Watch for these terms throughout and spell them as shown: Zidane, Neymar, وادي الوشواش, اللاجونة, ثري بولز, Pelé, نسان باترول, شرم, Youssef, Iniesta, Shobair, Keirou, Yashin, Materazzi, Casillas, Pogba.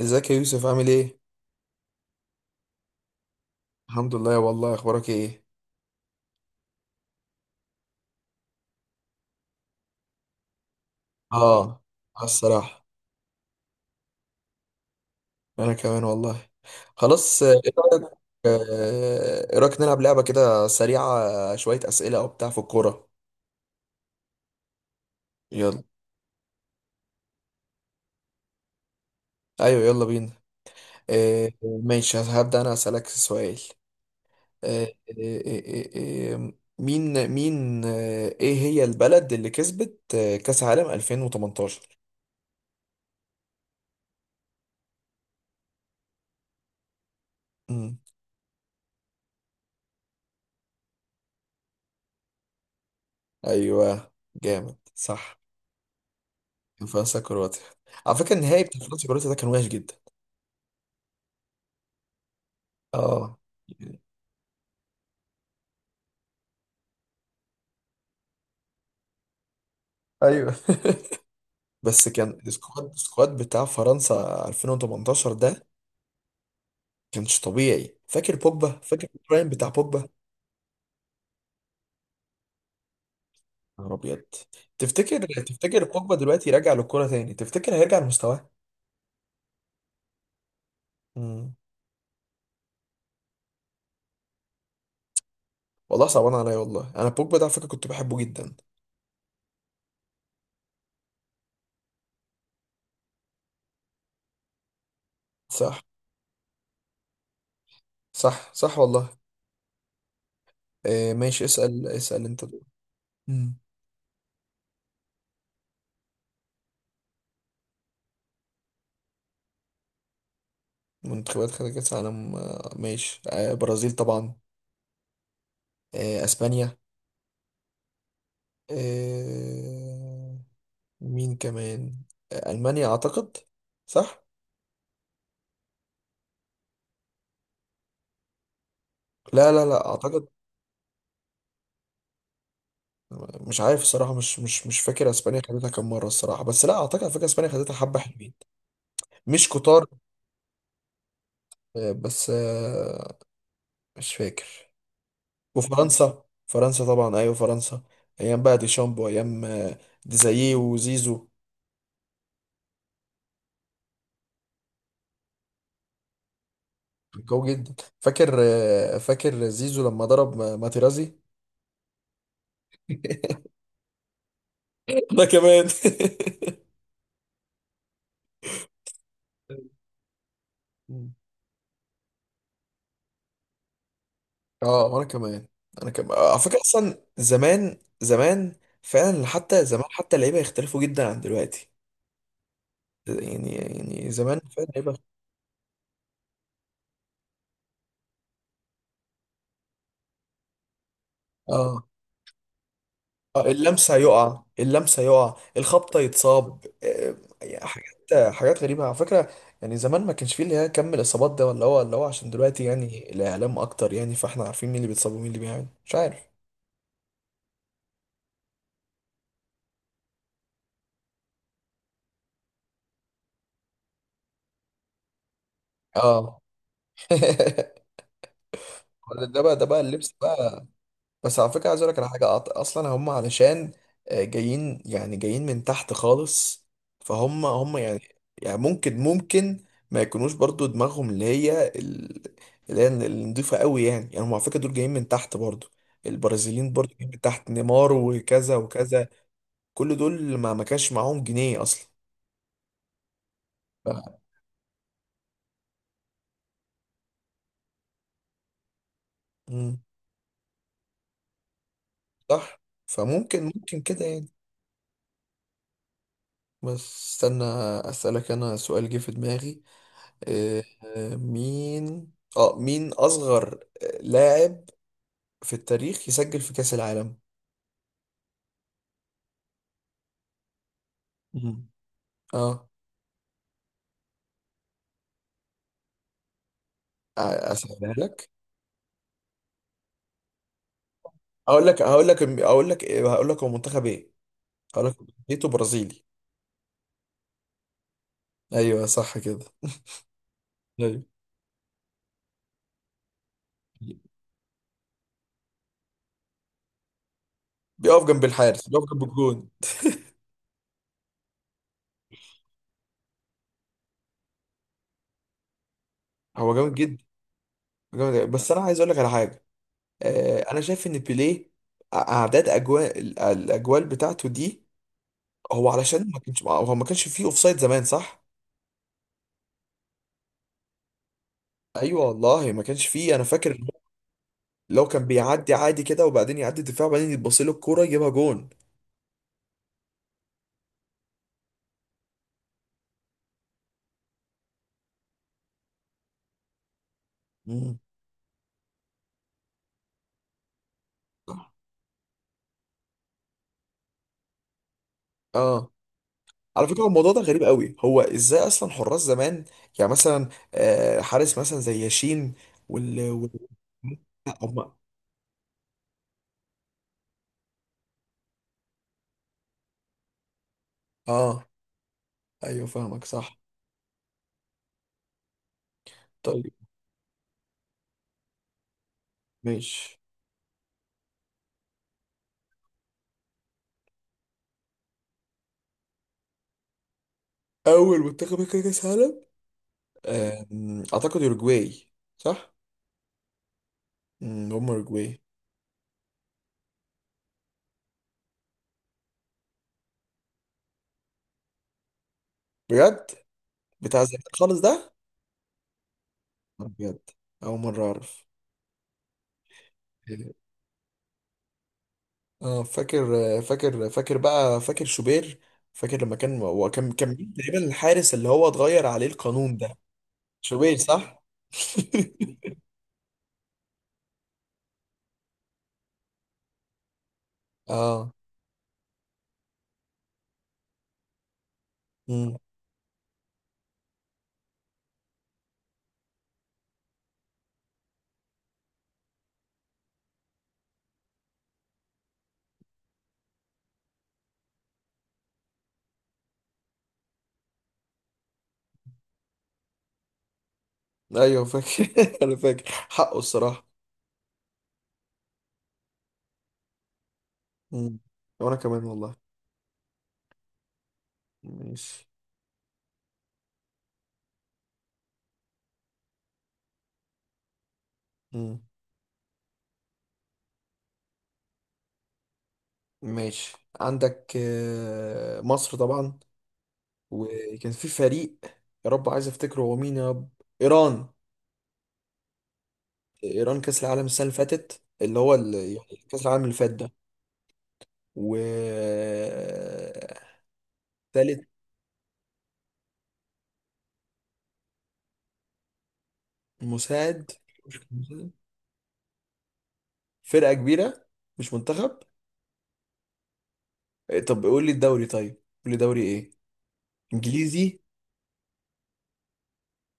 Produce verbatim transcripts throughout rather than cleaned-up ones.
ازيك يا يوسف؟ عامل ايه؟ الحمد لله والله، اخبارك ايه؟ اه. آه، الصراحة. انا كمان والله. خلاص. آه، ايه رأيك؟ آه، ايه رأيك نلعب لعبة كده سريعة؟ آه، شوية اسئلة او بتاع في الكورة. يلا. ايوه يلا بينا. آه، ماشي، هبدأ انا اسألك سؤال. آه، آه، آه، آه، آه، مين مين آه، ايه هي البلد اللي كسبت آه، كأس عالم ألفين وتمنتاشر؟ مم. ايوه، جامد صح. فرنسا كرواتيا. على فكرة النهائي بتاع فرنسا كرواتيا ده كان وحش جدا. اه. ايوه. بس كان السكواد السكواد بتاع فرنسا ألفين وتمنتاشر ده كانش طبيعي. فاكر بوجبا؟ فاكر البرايم بتاع بوجبا يا نهار ابيض؟ تفتكر تفتكر بوجبا دلوقتي راجع للكوره تاني؟ تفتكر هيرجع لمستواه؟ مم. والله صعبان عليا والله، انا بوجبا ده على فكره كنت بحبه جدا. صح صح صح والله. آه ماشي. اسال اسال انت دول. مم. منتخبات خدت كاس عالم. آه ماشي. آه برازيل طبعا. آه، اسبانيا. آه، مين كمان؟ آه، المانيا اعتقد. صح. لا لا لا، اعتقد. مش عارف الصراحه، مش مش مش فاكر اسبانيا خدتها كام مره الصراحه، بس لا اعتقد، على فكره اسبانيا خدتها حبه حلوين. مش كتار. آه، بس آه، مش فاكر. وفرنسا فرنسا طبعا، ايوه فرنسا. ايام بقى ديشامب وايام آه، ديزاييه وزيزو. كان قوي جدا. فاكر آه، فاكر زيزو لما ضرب ما- ماتيرازي. انا كمان. اه، وانا كمان. انا كمان على فكره، اصلا زمان زمان فعلا. حتى زمان حتى اللعيبه يختلفوا جدا عن دلوقتي. يعني يعني زمان فعلا اللعيبه. اه اه اللمسه يقع، اللمسه يقع، الخبطه يتصاب آه، يعني حاجات حاجات غريبه على فكره. يعني زمان ما كانش فيه اللي هي كم الاصابات ده، ولا هو اللي هو عشان دلوقتي يعني الاعلام اكتر، يعني فاحنا عارفين مين اللي بيتصاب ومين اللي بيعمل مش عارف. اه. ولا ده بقى، ده بقى اللبس بقى. بس على فكرة عايز اقول لك على حاجة. أط- اصلا هم علشان آه، جايين، يعني جايين من تحت خالص. فهم هم يعني. يعني ممكن ممكن ما يكونوش برضو دماغهم اللي هي، ال- اللي هي النضيفة قوي يعني. يعني هم على فكرة دول جايين من تحت برضو. البرازيليين برضو جايين من تحت، نيمار وكذا وكذا. كل دول ما ما كانش معاهم جنيه اصلا. ف- مم. صح. فممكن ممكن كده يعني. بس استنى، اسألك انا سؤال جه في دماغي. آه، آه، مين اه مين اصغر لاعب في التاريخ يسجل في كأس العالم؟ مم. اه. آه، اسهلها لك. اقول لك هقول لك اقول لك هقول لك هو منتخب ايه. هقول لك جنسيته برازيلي. ايوه صح كده. ايوي. بيقف جنب الحارس، بيقف جنب الجون. هو جامد جدا. جامد جدا. بس انا عايز اقول لك على حاجه. آه، انا شايف ان بيليه، ع- اعداد اجوال الاجوال بتاعته دي، هو علشان ما كانش هو ما كانش فيه اوفسايد زمان، صح؟ ايوه والله ما كانش فيه، انا فاكر. لو كان بيعدي عادي كده، وبعدين يعدي الدفاع، وبعدين يتبص له الكوره يجيبها جون. مم. اه. على فكره الموضوع ده غريب قوي، هو ازاي اصلا حراس زمان؟ يعني مثلا آه، حارس مثلا زي ياشين وال وال لا، هم- اه. ايوه فاهمك صح. طيب. ماشي. اول منتخب كان كاس عالم، آم، اعتقد اوروجواي، صح. مم، هم اوروجواي. بجد، بتاع زمان خالص ده. بجد اول مره اعرف. اه فاكر فاكر فاكر بقى، فاكر شوبير. فاكر لما كان، وكان كان مين تقريبا الحارس اللي هو اتغير عليه القانون ده؟ شوبير صح؟ اه. امم ايوه فاكر. انا فاكر حقه الصراحة. امم. وانا كمان والله. ماشي. امم. ماشي. عندك آه، مصر طبعا، وكان في فريق، يا رب عايز افتكره هو مين يا رب. ايران. ايران كاس العالم السنة اللي فاتت، اللي هو ال- يعني كاس العالم اللي فات ده. وتالت. مساعد؟ مش مساعد. فرقة كبيرة؟ مش منتخب. إيه، طب قول لي الدوري طيب. قول لي دوري ايه. انجليزي.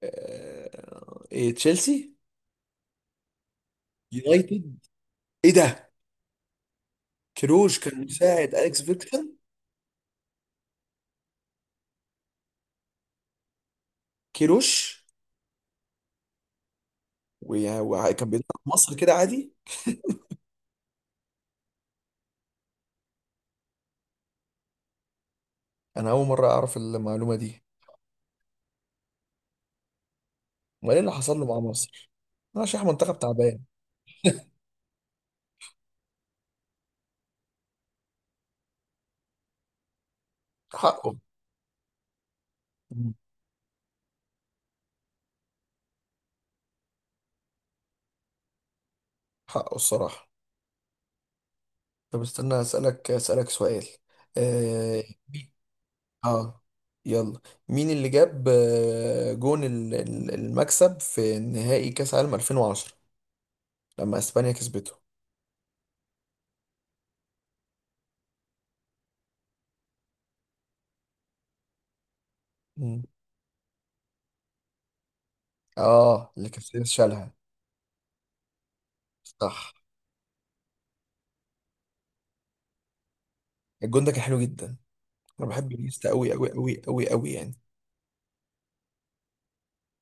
آه، ايه، تشيلسي؟ يونايتد؟ ايه ده. كيروش كان مساعد اليكس فيكتور؟ كيروش. ويا- وكان بيلعب في مصر كده عادي؟ انا اول مرة اعرف المعلومة دي. امال ايه اللي حصل له مع مصر، عشان منتخب تعبان؟ حقه، حقه الصراحة. طب استنى أسألك أسألك سؤال. آه مين- آه يلا. مين اللي جاب آه، جون ال- ال- المكسب في نهائي كأس عالم ألفين وعشرة لما إسبانيا كسبته؟ مم. آه، اللي كاسياس شالها. صح. الجون ده كان حلو جدا. أنا بحب إنيستا أوي أوي أوي أوي أوي يعني.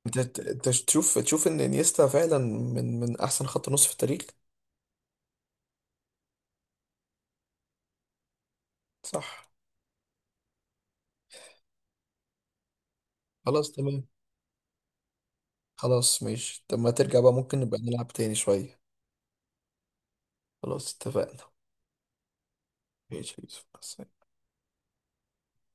أنت ت- أنت تشوف تشوف إن إنيستا فعلا من من أحسن خط نص في التاريخ. صح. خلاص تمام. خلاص ماشي. طب ما ترجع بقى ممكن نبقى نلعب تاني شوية. خلاص اتفقنا. ماشي يا يوسف، مع السلامة.